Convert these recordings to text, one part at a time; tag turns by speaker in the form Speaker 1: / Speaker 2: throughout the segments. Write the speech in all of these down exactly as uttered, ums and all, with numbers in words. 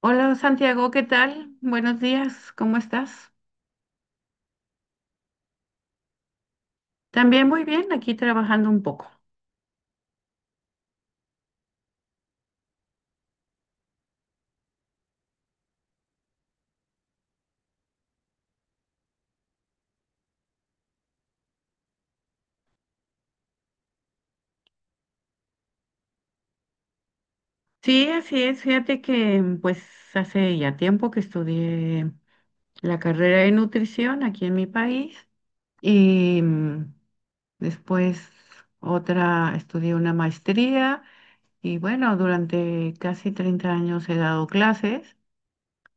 Speaker 1: Hola Santiago, ¿qué tal? Buenos días, ¿cómo estás? También muy bien, aquí trabajando un poco. Sí, así es, fíjate que mm, pues hace ya tiempo que estudié la carrera de nutrición aquí en mi país y mm, después otra, estudié una maestría y bueno, durante casi treinta años he dado clases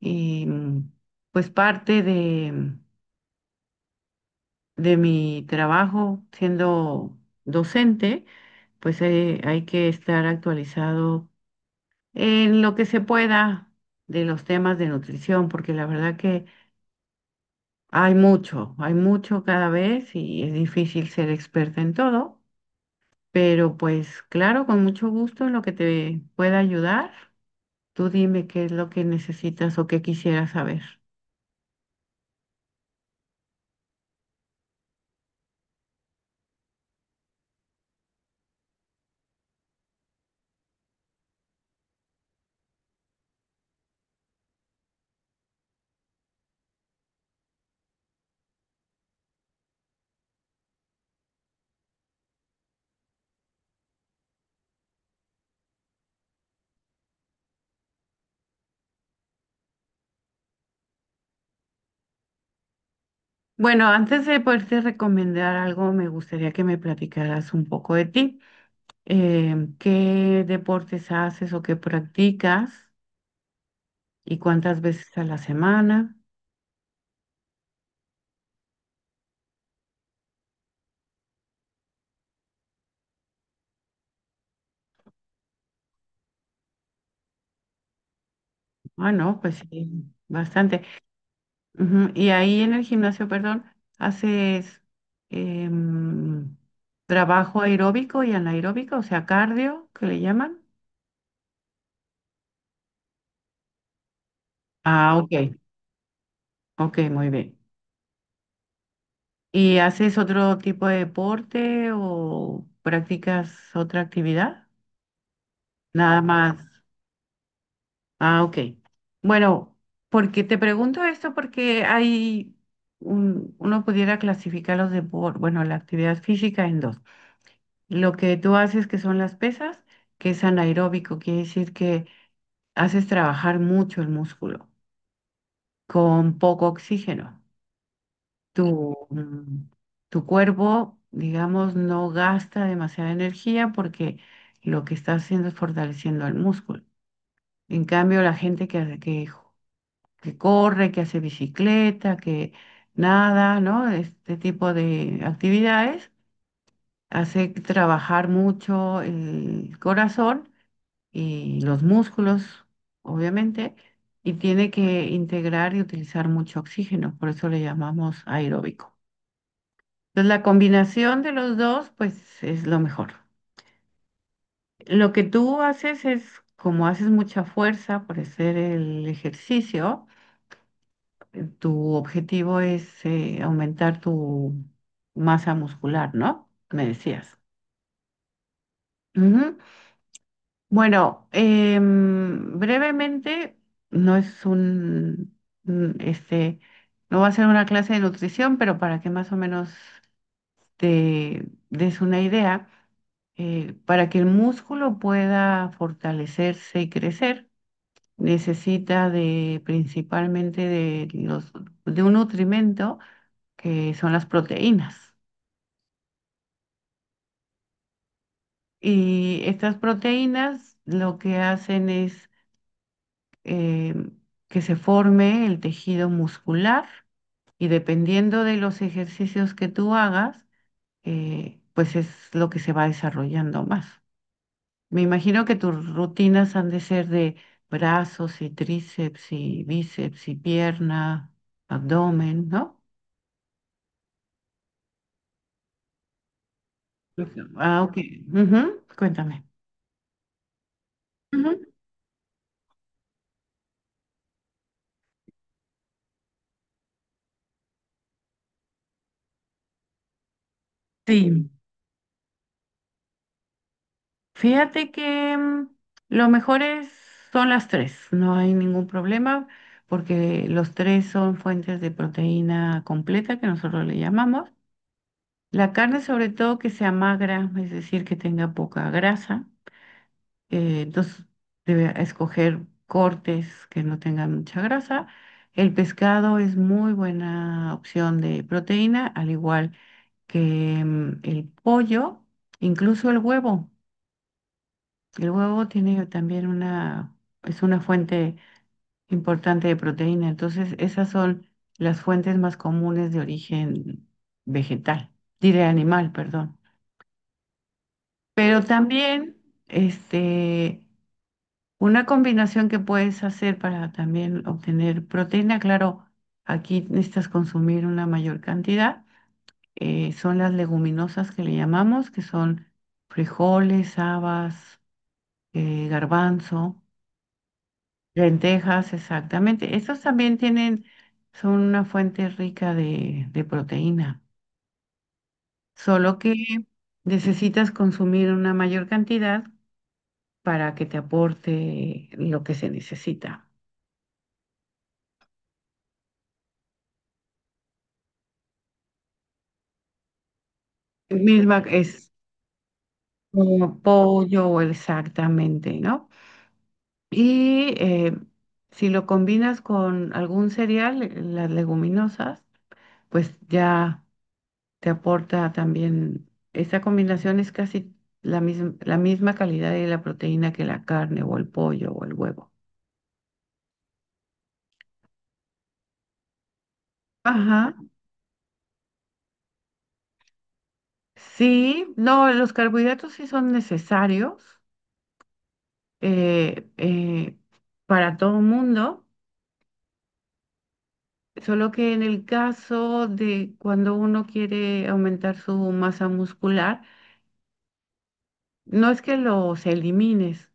Speaker 1: y mm, pues parte de mm, de mi trabajo siendo docente, pues eh, hay que estar actualizado en lo que se pueda de los temas de nutrición, porque la verdad que hay mucho, hay mucho cada vez y es difícil ser experta en todo, pero pues claro, con mucho gusto en lo que te pueda ayudar. Tú dime qué es lo que necesitas o qué quisieras saber. Bueno, antes de poderte recomendar algo, me gustaría que me platicaras un poco de ti. Eh, qué deportes haces o qué practicas y cuántas veces a la semana. Ah, no, pues sí, bastante. Ujú. Y ahí en el gimnasio, perdón, haces em, trabajo aeróbico y anaeróbico, o sea, cardio, que le llaman. Ah, ok, ok, muy bien. ¿Y haces otro tipo de deporte o practicas otra actividad? Nada más. Ah, ok. Bueno, porque te pregunto esto porque hay un- uno pudiera clasificar los deportes, bueno, la actividad física en dos. Lo que tú haces que son las pesas, que es anaeróbico, quiere decir que haces trabajar mucho el músculo con poco oxígeno. Tu, mm, Tu cuerpo, digamos, no gasta demasiada energía porque lo que está haciendo es fortaleciendo el músculo. En cambio, la gente que, hace- que que corre, que hace bicicleta, que nada, ¿no? Este tipo de actividades hace trabajar mucho el corazón y los músculos, obviamente, y tiene que integrar y utilizar mucho oxígeno, por eso le llamamos aeróbico. Entonces, la combinación de los dos, pues, es lo mejor. Lo que tú haces es, como haces mucha fuerza por hacer el ejercicio, tu objetivo es eh, aumentar tu masa muscular, ¿no? Me decías. Ujú. Bueno, em, brevemente, no es un, un, este, no va a ser una clase de nutrición, pero para que más o menos te des una idea, eh, para que el músculo pueda fortalecerse y crecer, necesita de principalmente de los, de un nutrimento que son las proteínas. Y estas proteínas lo que hacen es eh, que se forme el tejido muscular y dependiendo de los ejercicios que tú hagas, eh, pues es lo que se va desarrollando más. Me imagino que tus rutinas han de ser de brazos y tríceps y bíceps y pierna, abdomen, ¿no? Ah, ok. Ujú, cuéntame. Ujú. Sí. Fíjate que mm, lo mejor es- son las tres, no hay ningún problema porque los tres son fuentes de proteína completa que nosotros le llamamos. La carne sobre todo que sea magra, es decir, que tenga poca grasa, eh, entonces debe escoger cortes que no tengan mucha grasa. El pescado es muy buena opción de proteína, al igual que mm, el pollo, incluso el huevo. El huevo tiene también una, es una fuente importante de proteína, entonces esas son las fuentes más comunes de origen vegetal, diré animal, perdón. Pero también, este, una combinación que puedes hacer para también obtener proteína, claro, aquí necesitas consumir una mayor cantidad, eh, son las leguminosas que le llamamos, que son frijoles, habas, eh, garbanzo. Lentejas, exactamente. Estos también tienen, son una fuente rica de, de proteína, solo que necesitas consumir una mayor cantidad para que te aporte lo que se necesita. Misma es como pollo o exactamente, ¿no? Y eh, si lo combinas con algún cereal, eh, las leguminosas, pues ya te aporta también, esta combinación es casi la misma, la misma calidad de la proteína que la carne o el pollo o el huevo. Ajá, sí, no, los carbohidratos sí son necesarios eh, eh, para todo el mundo, solo que en el caso de cuando uno quiere aumentar su masa muscular, no es que los elimines,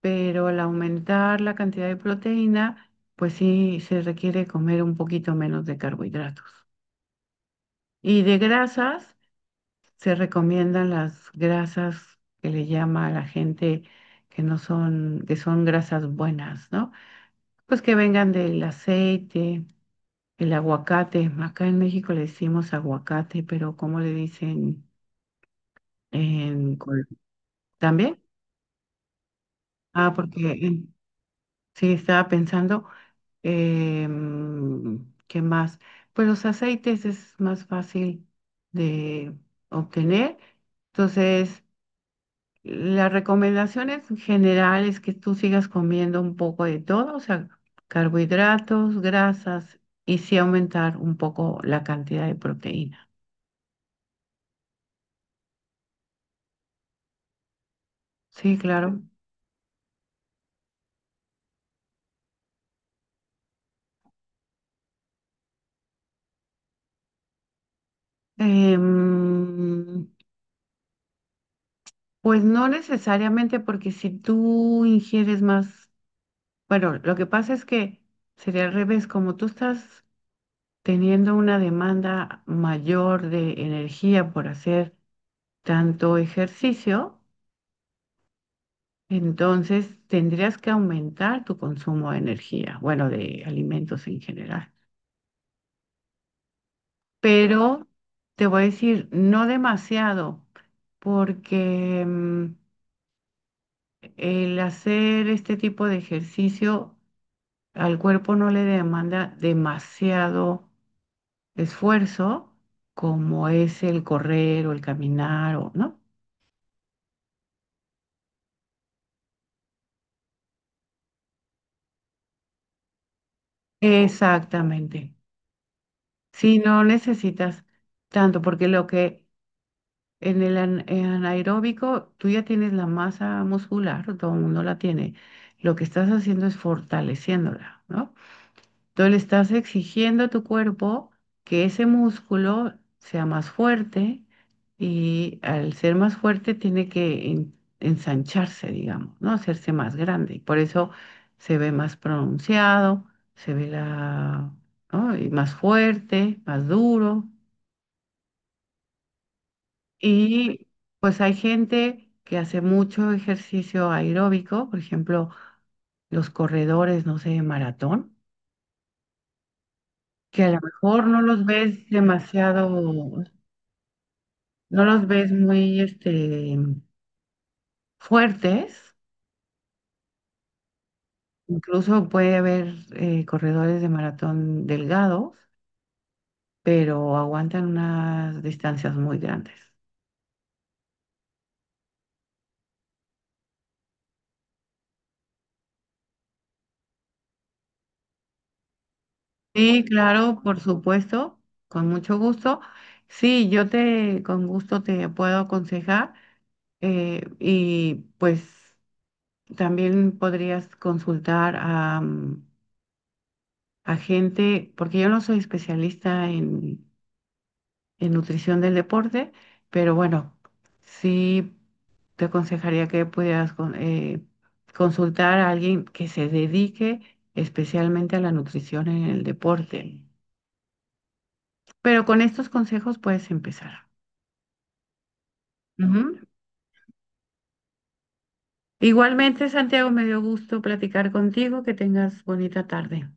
Speaker 1: pero al aumentar la cantidad de proteína, pues sí se requiere comer un poquito menos de carbohidratos. Y de grasas, se recomiendan las grasas que le llama a la gente que no son, que son grasas buenas, ¿no? Pues que vengan del aceite, el aguacate. Acá en México le decimos aguacate, pero ¿cómo le dicen en Col- también? Ah, porque en- sí, estaba pensando. Em, ¿qué más? Pues los aceites es más fácil de obtener. Entonces, la recomendación en general es que tú sigas comiendo un poco de todo, o sea, carbohidratos, grasas y sí aumentar un poco la cantidad de proteína. Sí, claro. Em, pues no necesariamente porque si tú ingieres más, bueno, lo que pasa es que sería al revés, como tú estás teniendo una demanda mayor de energía por hacer tanto ejercicio, entonces tendrías que aumentar tu consumo de energía, bueno, de alimentos en general. Pero te voy a decir, no demasiado, porque mm, el hacer este tipo de ejercicio al cuerpo no le demanda demasiado esfuerzo, como es el correr o el caminar, o, ¿no? Exactamente. Si no necesitas tanto, porque lo que en el an- en anaeróbico tú ya tienes la masa muscular, todo el mundo la tiene. Lo que estás haciendo es fortaleciéndola, ¿no? Tú le estás exigiendo a tu cuerpo que ese músculo sea más fuerte y al ser más fuerte tiene que en- ensancharse, digamos, ¿no? Hacerse más grande. Y por eso se ve más pronunciado, se ve la, ¿no? Y más fuerte, más duro. Y pues hay gente que hace mucho ejercicio aeróbico, por ejemplo, los corredores, no sé, de maratón que a lo mejor no los ves demasiado, no los ves muy este, fuertes, incluso puede haber eh, corredores de maratón delgados, pero aguantan unas distancias muy grandes. Sí, claro, por supuesto, con mucho gusto. Sí, yo te, con gusto te puedo aconsejar eh, y pues también podrías consultar a, mm, a gente, porque yo no soy especialista en en nutrición del deporte, pero bueno, sí te aconsejaría que pudieras con- eh, consultar a alguien que se dedique especialmente a la nutrición en el deporte. Pero con estos consejos puedes empezar. Ujú. Igualmente, Santiago, me dio gusto platicar contigo. Que tengas bonita tarde.